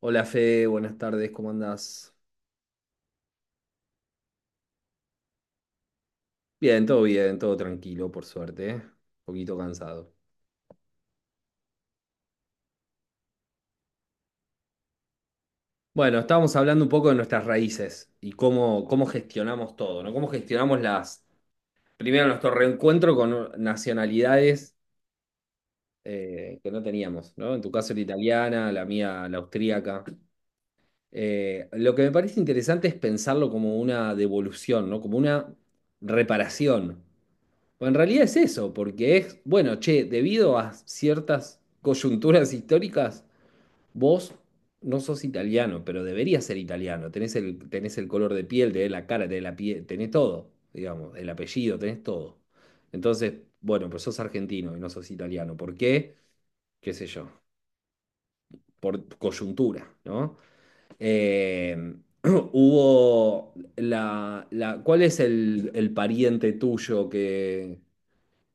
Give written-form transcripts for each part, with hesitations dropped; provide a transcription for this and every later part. Hola Fe, buenas tardes, ¿cómo andás? Bien, todo tranquilo, por suerte, ¿eh? Un poquito cansado. Bueno, estábamos hablando un poco de nuestras raíces y cómo gestionamos todo, ¿no? Cómo gestionamos las, primero nuestro reencuentro con nacionalidades que no teníamos, ¿no? En tu caso la italiana, la mía la austríaca. Lo que me parece interesante es pensarlo como una devolución, ¿no? Como una reparación. O en realidad es eso, porque es, bueno, che, debido a ciertas coyunturas históricas, vos no sos italiano, pero deberías ser italiano. Tenés tenés el color de piel, tenés la cara, tenés la piel, tenés todo, digamos, el apellido, tenés todo. Entonces, bueno, pero sos argentino y no sos italiano. ¿Por qué? ¿Qué sé yo? Por coyuntura, ¿no? Eh, hubo ¿cuál es el pariente tuyo que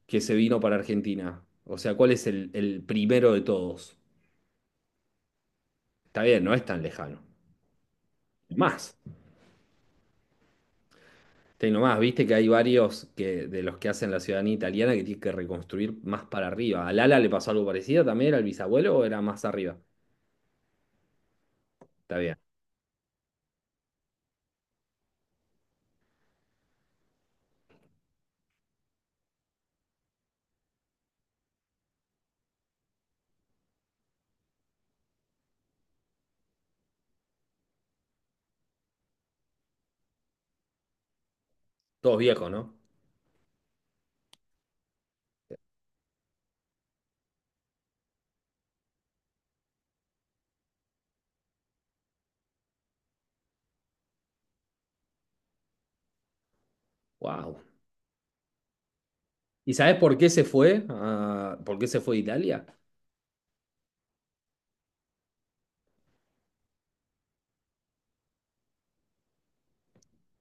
que se vino para Argentina? O sea, ¿cuál es el primero de todos? Está bien, no es tan lejano. Más, tengo más, viste que hay varios que, de los que hacen la ciudadanía italiana que tienen que reconstruir más para arriba. ¿A Lala le pasó algo parecido también? ¿Era el bisabuelo o era más arriba? Está bien. Todos viejos, ¿no? Wow. ¿Y sabés por qué se fue? Ah, ¿por qué se fue de Italia?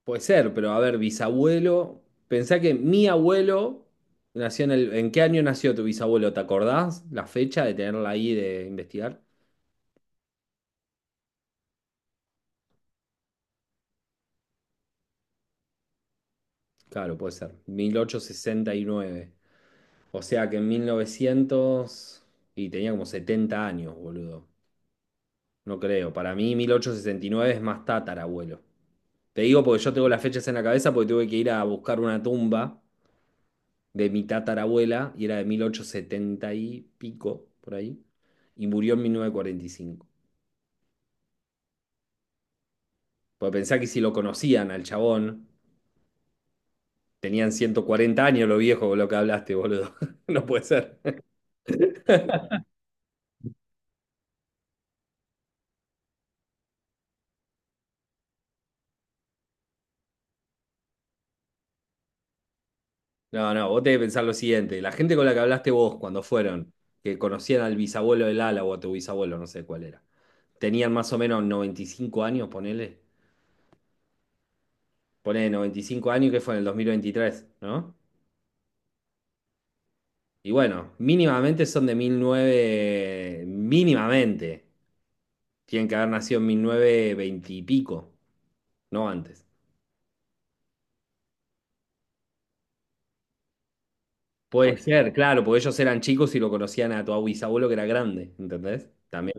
Puede ser, pero a ver, bisabuelo. Pensá que mi abuelo nació en el. ¿En qué año nació tu bisabuelo? ¿Te acordás? La fecha de tenerla ahí de investigar. Claro, puede ser. 1869, o sea que en 1900 y tenía como 70 años, boludo. No creo. Para mí 1869 es más tatarabuelo. Te digo porque yo tengo las fechas en la cabeza porque tuve que ir a buscar una tumba de mi tatarabuela y era de mil ochocientos setenta y pico, por ahí. Y murió en 1945. Porque pensá que si lo conocían al chabón, tenían 140 años los viejos, lo que hablaste, boludo. No puede ser. No, no, vos tenés que pensar lo siguiente. La gente con la que hablaste vos cuando fueron, que conocían al bisabuelo del ala o a tu bisabuelo, no sé cuál era, tenían más o menos 95 años, ponele. Ponele 95 años que fue en el 2023, ¿no? Y bueno, mínimamente son de 1900, mínimamente. Tienen que haber nacido en 1920 y pico, no antes. Puede ser. Ser, claro, porque ellos eran chicos y lo conocían a tu bisabuelo que era grande, ¿entendés? También.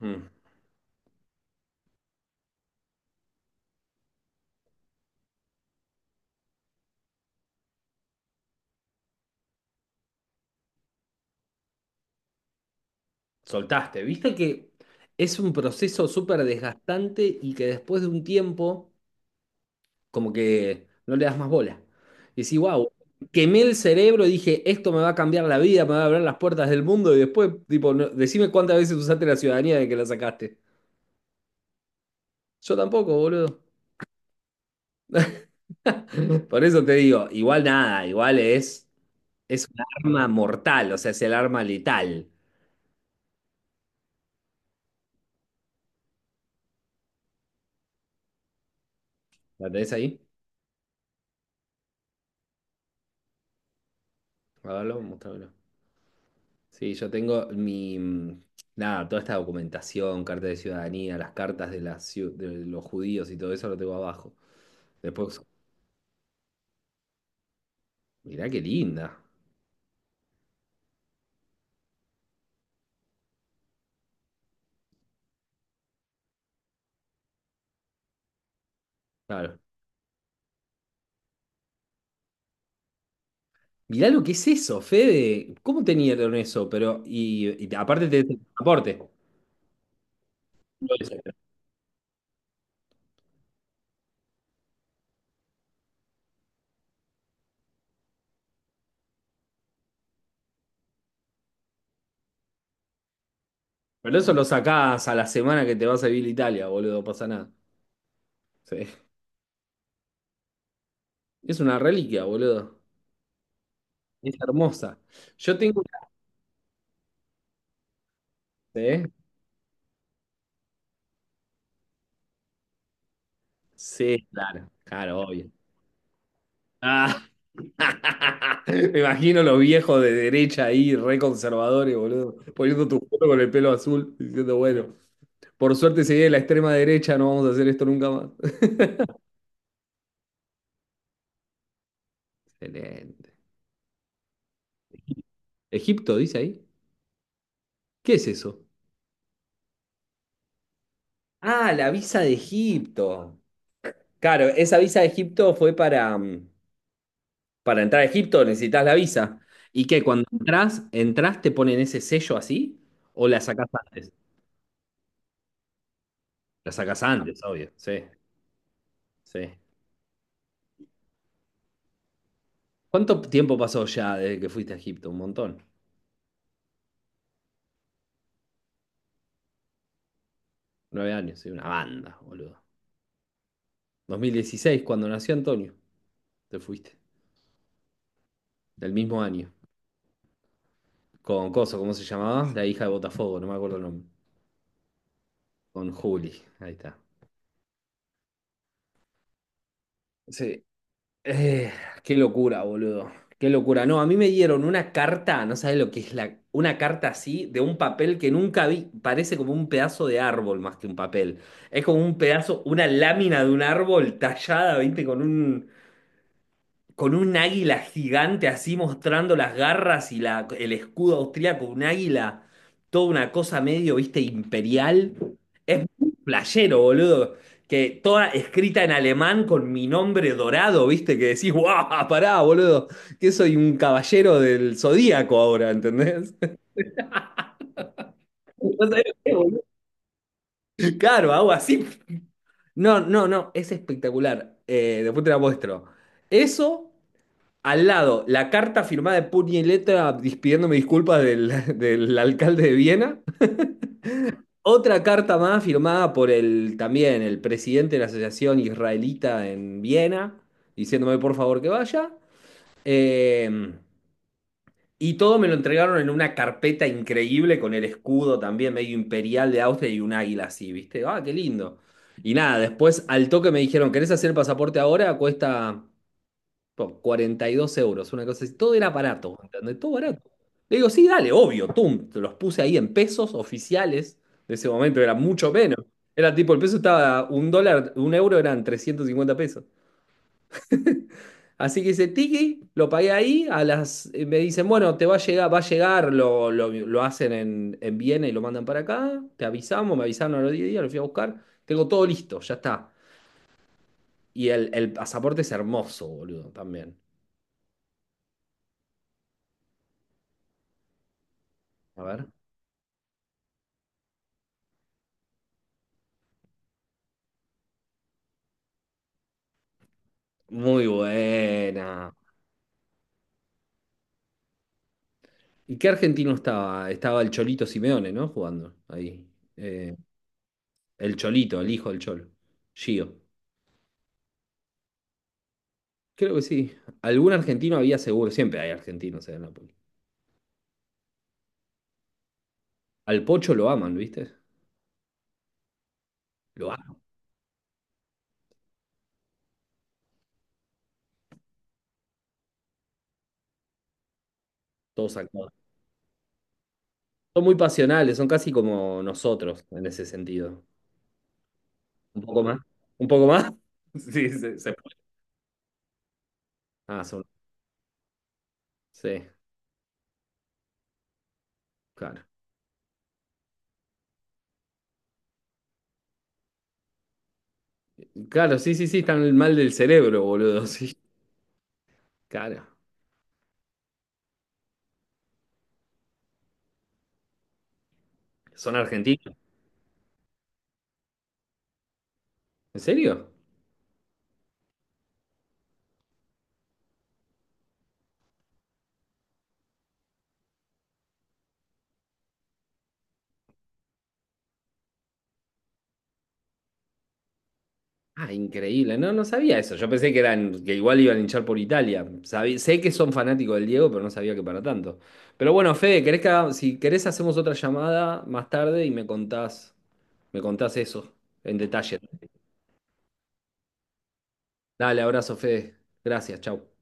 Mm, soltaste. Viste que es un proceso súper desgastante y que después de un tiempo, como que no le das más bola. Y decís, wow, quemé el cerebro y dije, esto me va a cambiar la vida, me va a abrir las puertas del mundo. Y después, tipo, no- decime cuántas veces usaste la ciudadanía de que la sacaste. Yo tampoco, boludo. Por eso te digo, igual nada, igual es un arma mortal, o sea, es el arma letal. ¿La tenés ahí? A verlo, mostrámelo. Sí, yo tengo nada, toda esta documentación, carta de ciudadanía, las cartas de, las, ciu- de los judíos y todo eso lo tengo abajo. Después, mirá qué linda. Claro. Mirá lo que es eso, Fede. ¿Cómo tenían eso? Pero, y aparte tenés el pasaporte. Pero eso lo sacás a la semana que te vas a vivir a Italia, boludo, no pasa nada. Sí. Es una reliquia, boludo. Es hermosa. Yo tengo una, ¿eh? Sí, claro, claro, obvio. Ah. Me imagino los viejos de derecha ahí, re conservadores, boludo, poniendo tu foto con el pelo azul, diciendo, bueno, por suerte se viene la extrema derecha, no vamos a hacer esto nunca más. Excelente. ¿Egipto dice ahí? ¿Qué es eso? Ah, la visa de Egipto. Claro, esa visa de Egipto fue para entrar a Egipto, necesitas la visa. ¿Y qué? Cuando entras, entras, te ponen ese sello así o la sacás antes? La sacás antes, obvio. Sí, sí. ¿Cuánto tiempo pasó ya desde que fuiste a Egipto? Un montón. 9 años, soy una banda, boludo. 2016, cuando nació Antonio, te fuiste. Del mismo año. Con Coso, ¿cómo se llamaba? La hija de Botafogo, no me acuerdo el nombre. Con Juli, ahí está. Sí. Eh, qué locura, boludo. Qué locura. No, a mí me dieron una carta, no sabes lo que es la, una carta así, de un papel que nunca vi. Parece como un pedazo de árbol más que un papel. Es como un pedazo, una lámina de un árbol tallada, ¿viste? Con con un águila gigante así mostrando las garras y la, el escudo austríaco, un águila, toda una cosa medio, viste, imperial. Es muy playero, boludo. Que toda escrita en alemán con mi nombre dorado, viste, que decís, guau, pará, boludo, que soy un caballero del zodíaco ahora, ¿entendés? No sabés lo que es, boludo. Claro, hago así. No, no, no, es espectacular. Después te la muestro. Eso. Al lado, la carta firmada de puño y letra dis- pidiéndome disculpas del, del alcalde de Viena. Otra carta más firmada por el también el presidente de la asociación israelita en Viena, diciéndome por favor que vaya. Eh, y todo me lo entregaron en una carpeta increíble con el escudo también medio imperial de Austria y un águila así, ¿viste? Ah, qué lindo. Y nada, después al toque me dijeron, ¿querés hacer el pasaporte ahora? Cuesta por 42 euros, una cosa así. Todo era barato, ¿entendés? Todo barato. Le digo, sí, dale, obvio, tum. Te los puse ahí en pesos oficiales. De ese momento era mucho menos. Era tipo, el peso estaba un dólar, un euro eran 350 pesos. Así que ese tiki lo pagué ahí. A las, me dicen, bueno, te va a llegar, lo hacen en Viena y lo mandan para acá. Te avisamos, me avisaron a los 10 días, lo fui a buscar. Tengo todo listo, ya está. Y el pasaporte es hermoso, boludo, también. A ver. Muy buena. ¿Y qué argentino estaba? Estaba el Cholito Simeone, ¿no? Jugando ahí. Eh, el Cholito, el hijo del Cholo. Gio. Creo que sí. Algún argentino había seguro. Siempre hay argentinos en Napoli. Al Pocho lo aman, ¿viste? Lo aman. Todos acá. Son muy pasionales, son casi como nosotros en ese sentido. Un poco más. Un poco más. Sí, se puede. Ah, son. Sí, claro. Claro, sí, sí, sí, están mal del cerebro, boludo. Sí, claro. ¿Son argentinos? ¿En serio? Ah, increíble. No, no sabía eso. Yo pensé que eran, que igual iban a hinchar por Italia. Sabí- sé que son fanáticos del Diego, pero no sabía que para tanto. Pero bueno, Fede, ¿querés que haga- si querés hacemos otra llamada más tarde y me contás eso en detalle. Dale, abrazo, Fede. Gracias, chau.